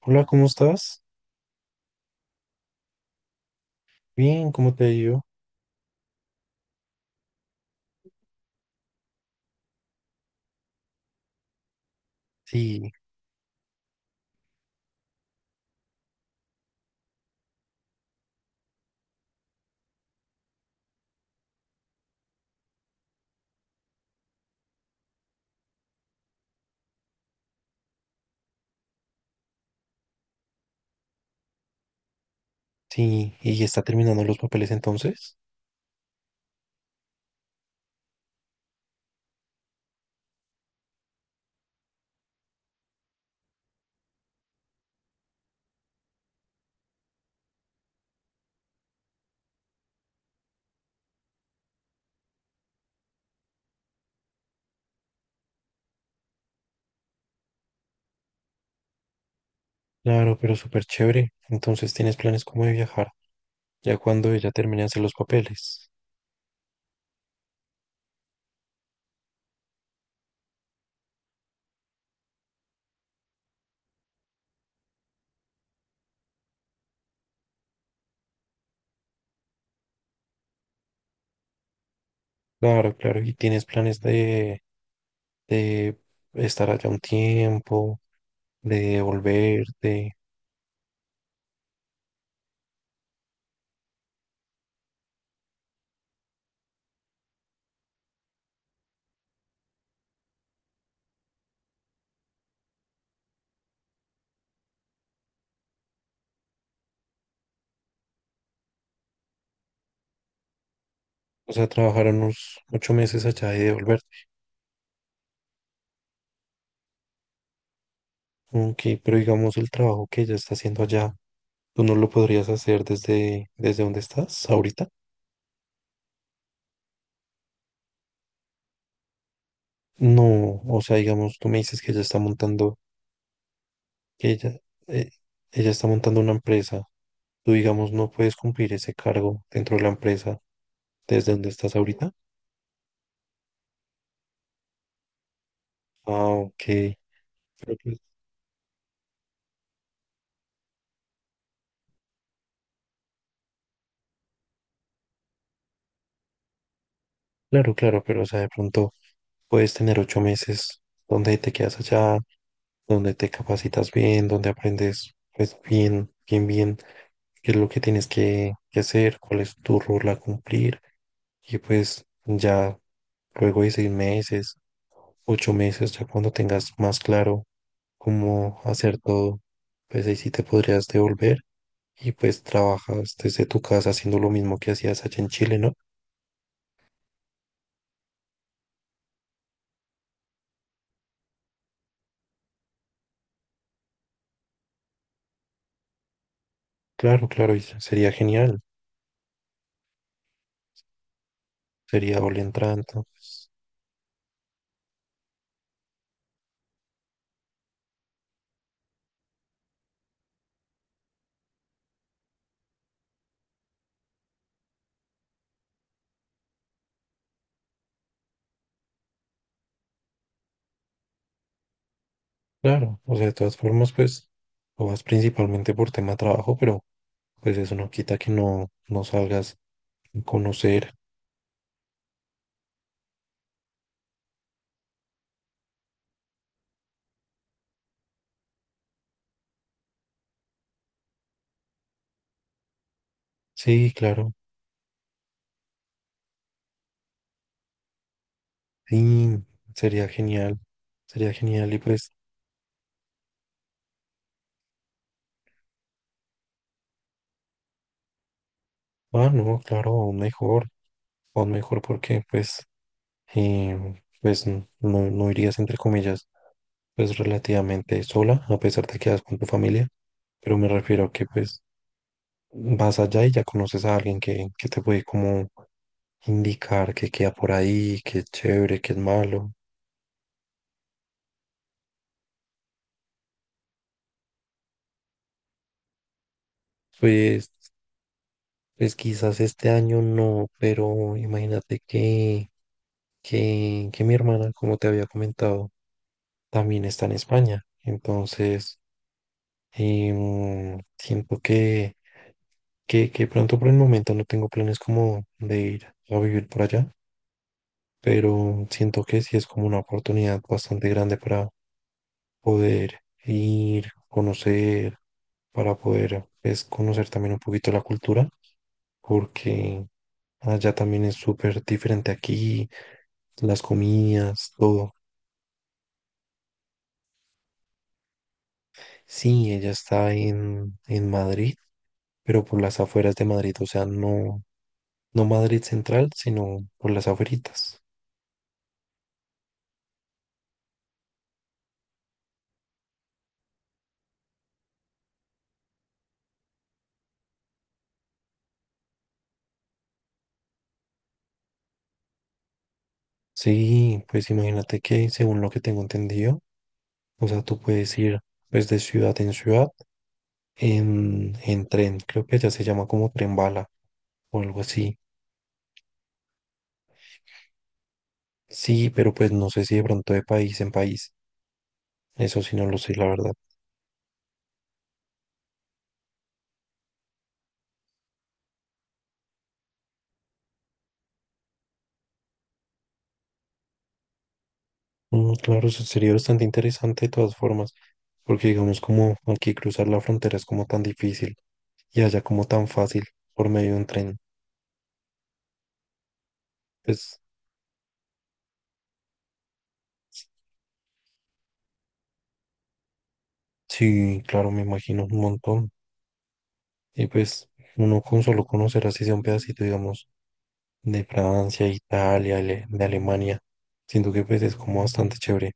Hola, ¿cómo estás? Bien, ¿cómo te ha ido? Sí, sí, y ya está terminando los papeles entonces. Claro, pero súper chévere. Entonces tienes planes como de viajar, ya cuando ella termine de hacer los papeles. Claro, claro, y tienes planes de estar allá un tiempo, de volverte. O sea, trabajar unos 8 meses allá y devolverte. Ok, pero digamos el trabajo que ella está haciendo allá, ¿tú no lo podrías hacer desde donde estás ahorita? No, o sea, digamos, tú me dices que ella está montando, que ella, eh, ella está montando una empresa. Tú, digamos, no puedes cumplir ese cargo dentro de la empresa desde donde estás ahorita. Ah, ok. Pero pues, claro, claro, pero o sea, de pronto puedes tener 8 meses donde te quedas allá, donde te capacitas bien, donde aprendes, pues, bien, qué es lo que tienes que hacer, cuál es tu rol a cumplir. Y pues ya luego de 6 meses 8 meses, ya cuando tengas más claro cómo hacer todo, pues ahí sí te podrías devolver y pues trabajas desde tu casa haciendo lo mismo que hacías allá en Chile, ¿no? Claro, claro, y sería genial, sería doble entrante, pues, claro, o sea, de todas formas, pues lo vas principalmente por tema trabajo, pero pues eso no quita que no salgas a conocer. Sí, claro, sí, sería genial, sería genial y pues, ah, no, claro, aún mejor porque pues pues no irías entre comillas, pues relativamente sola, a pesar de que vas con tu familia, pero me refiero a que pues vas allá y ya conoces a alguien que te puede como indicar que queda por ahí, que es chévere, que es malo. Pues, pues quizás este año no, pero imagínate que, que mi hermana, como te había comentado, también está en España. Entonces, siento que que pronto por el momento no tengo planes como de ir a vivir por allá, pero siento que sí es como una oportunidad bastante grande para poder ir, conocer, para poder pues, conocer también un poquito la cultura, porque allá también es súper diferente aquí, las comidas, todo. Sí, ella está en Madrid, pero por las afueras de Madrid, o sea, no, no Madrid central, sino por las afueritas. Sí, pues imagínate que según lo que tengo entendido, o sea, tú puedes ir pues de ciudad en ciudad en tren, creo que ya se llama como tren bala o algo así. Sí, pero pues no sé si de pronto de país en país, eso sí no lo sé, la verdad. Mm, claro, eso sería bastante interesante de todas formas, porque digamos como aquí cruzar la frontera es como tan difícil y allá como tan fácil por medio de un tren. Pues sí, claro, me imagino un montón. Y pues uno con solo conocer así sea un pedacito, digamos, de Francia, Italia, de Alemania, siento que pues es como bastante chévere.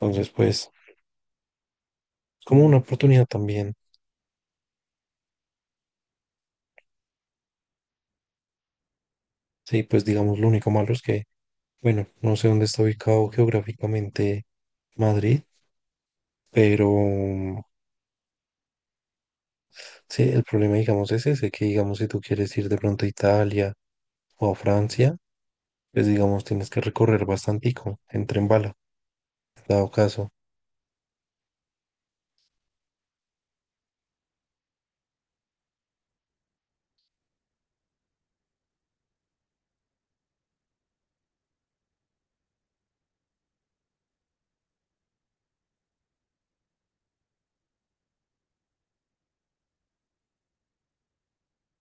Entonces pues es como una oportunidad también. Sí, pues digamos lo único malo es que, bueno, no sé dónde está ubicado geográficamente Madrid, pero sí, el problema digamos es ese, que digamos si tú quieres ir de pronto a Italia o a Francia, pues digamos tienes que recorrer bastantico en tren bala, dado caso.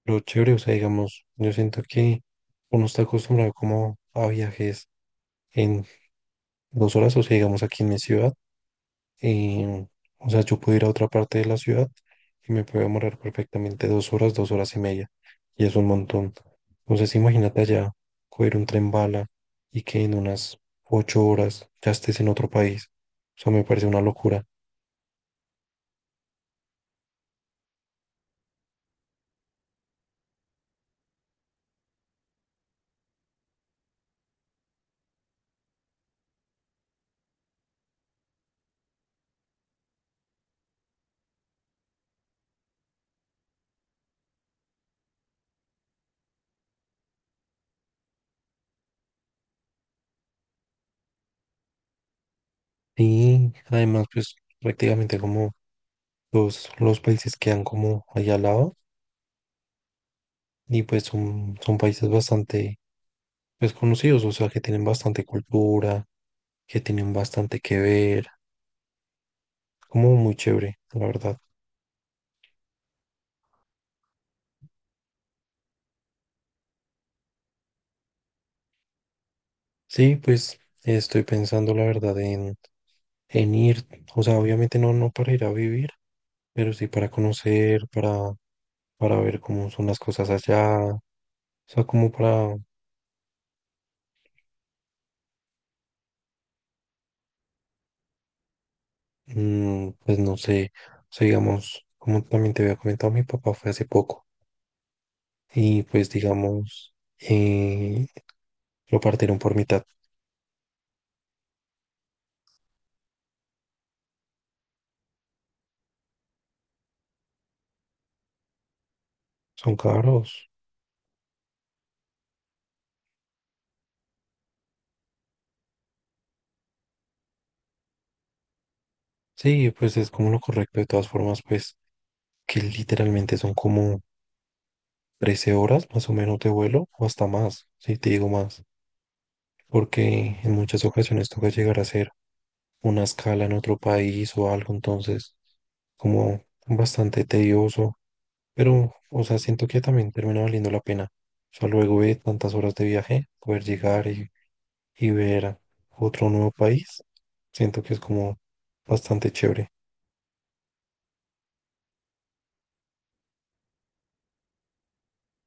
Lo chévere, o sea, digamos, yo siento que uno está acostumbrado como a viajes en 2 horas, o sea, digamos aquí en mi ciudad, em, o sea, yo puedo ir a otra parte de la ciudad y me puedo demorar perfectamente 2 horas, 2 horas y media, y es un montón. Entonces, imagínate allá, coger un tren bala y que en unas 8 horas ya estés en otro país, o sea, me parece una locura. Y además, pues prácticamente como todos los países quedan como allá al lado. Y pues son, son países bastante pues, conocidos, o sea, que tienen bastante cultura, que tienen bastante que ver, como muy chévere, la verdad. Sí, pues estoy pensando, la verdad, en ir, o sea, obviamente no, no para ir a vivir, pero sí para conocer, para ver cómo son las cosas allá, o sea, como para, mm, pues no sé, o sea, digamos, como también te había comentado, mi papá fue hace poco y pues digamos, eh, lo partieron por mitad. Son caros. Sí, pues es como lo correcto. De todas formas, pues que literalmente son como 13 horas más o menos de vuelo o hasta más, si te digo más. Porque en muchas ocasiones toca llegar a hacer una escala en otro país o algo, entonces como bastante tedioso. Pero, o sea, siento que también termina valiendo la pena. O sea, luego de tantas horas de viaje, poder llegar y ver otro nuevo país, siento que es como bastante chévere.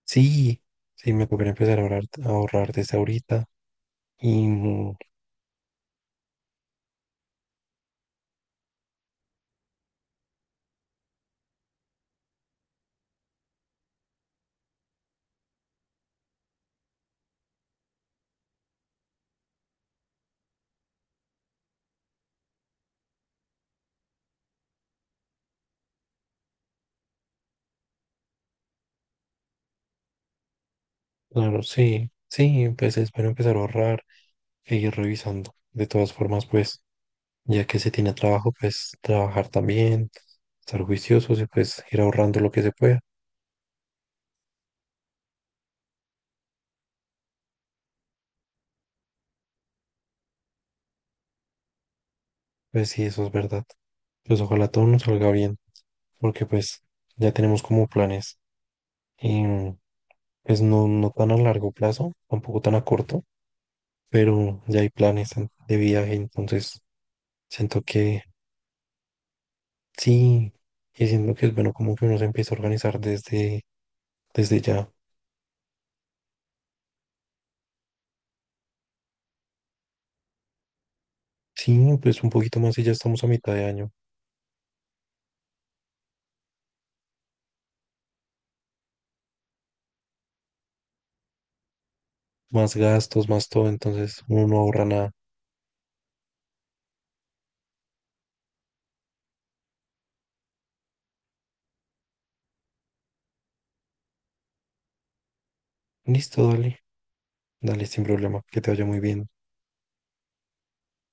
Sí, sí, me tocaría empezar a ahorrar desde ahorita. Y claro, sí, sí, pues es bueno empezar a ahorrar e ir revisando. De todas formas, pues, ya que se tiene trabajo, pues trabajar también, estar juiciosos y pues ir ahorrando lo que se pueda. Pues sí, eso es verdad. Pues ojalá todo nos salga bien, porque pues ya tenemos como planes, em, pues no, no tan a largo plazo, tampoco tan a corto, pero ya hay planes de viaje, entonces siento que Sí, y siento que es bueno como que uno se empieza a organizar desde, desde ya. Sí, pues un poquito más y ya estamos a mitad de año. Más gastos, más todo, entonces uno no ahorra nada. Listo, dale, dale sin problema, que te vaya muy bien.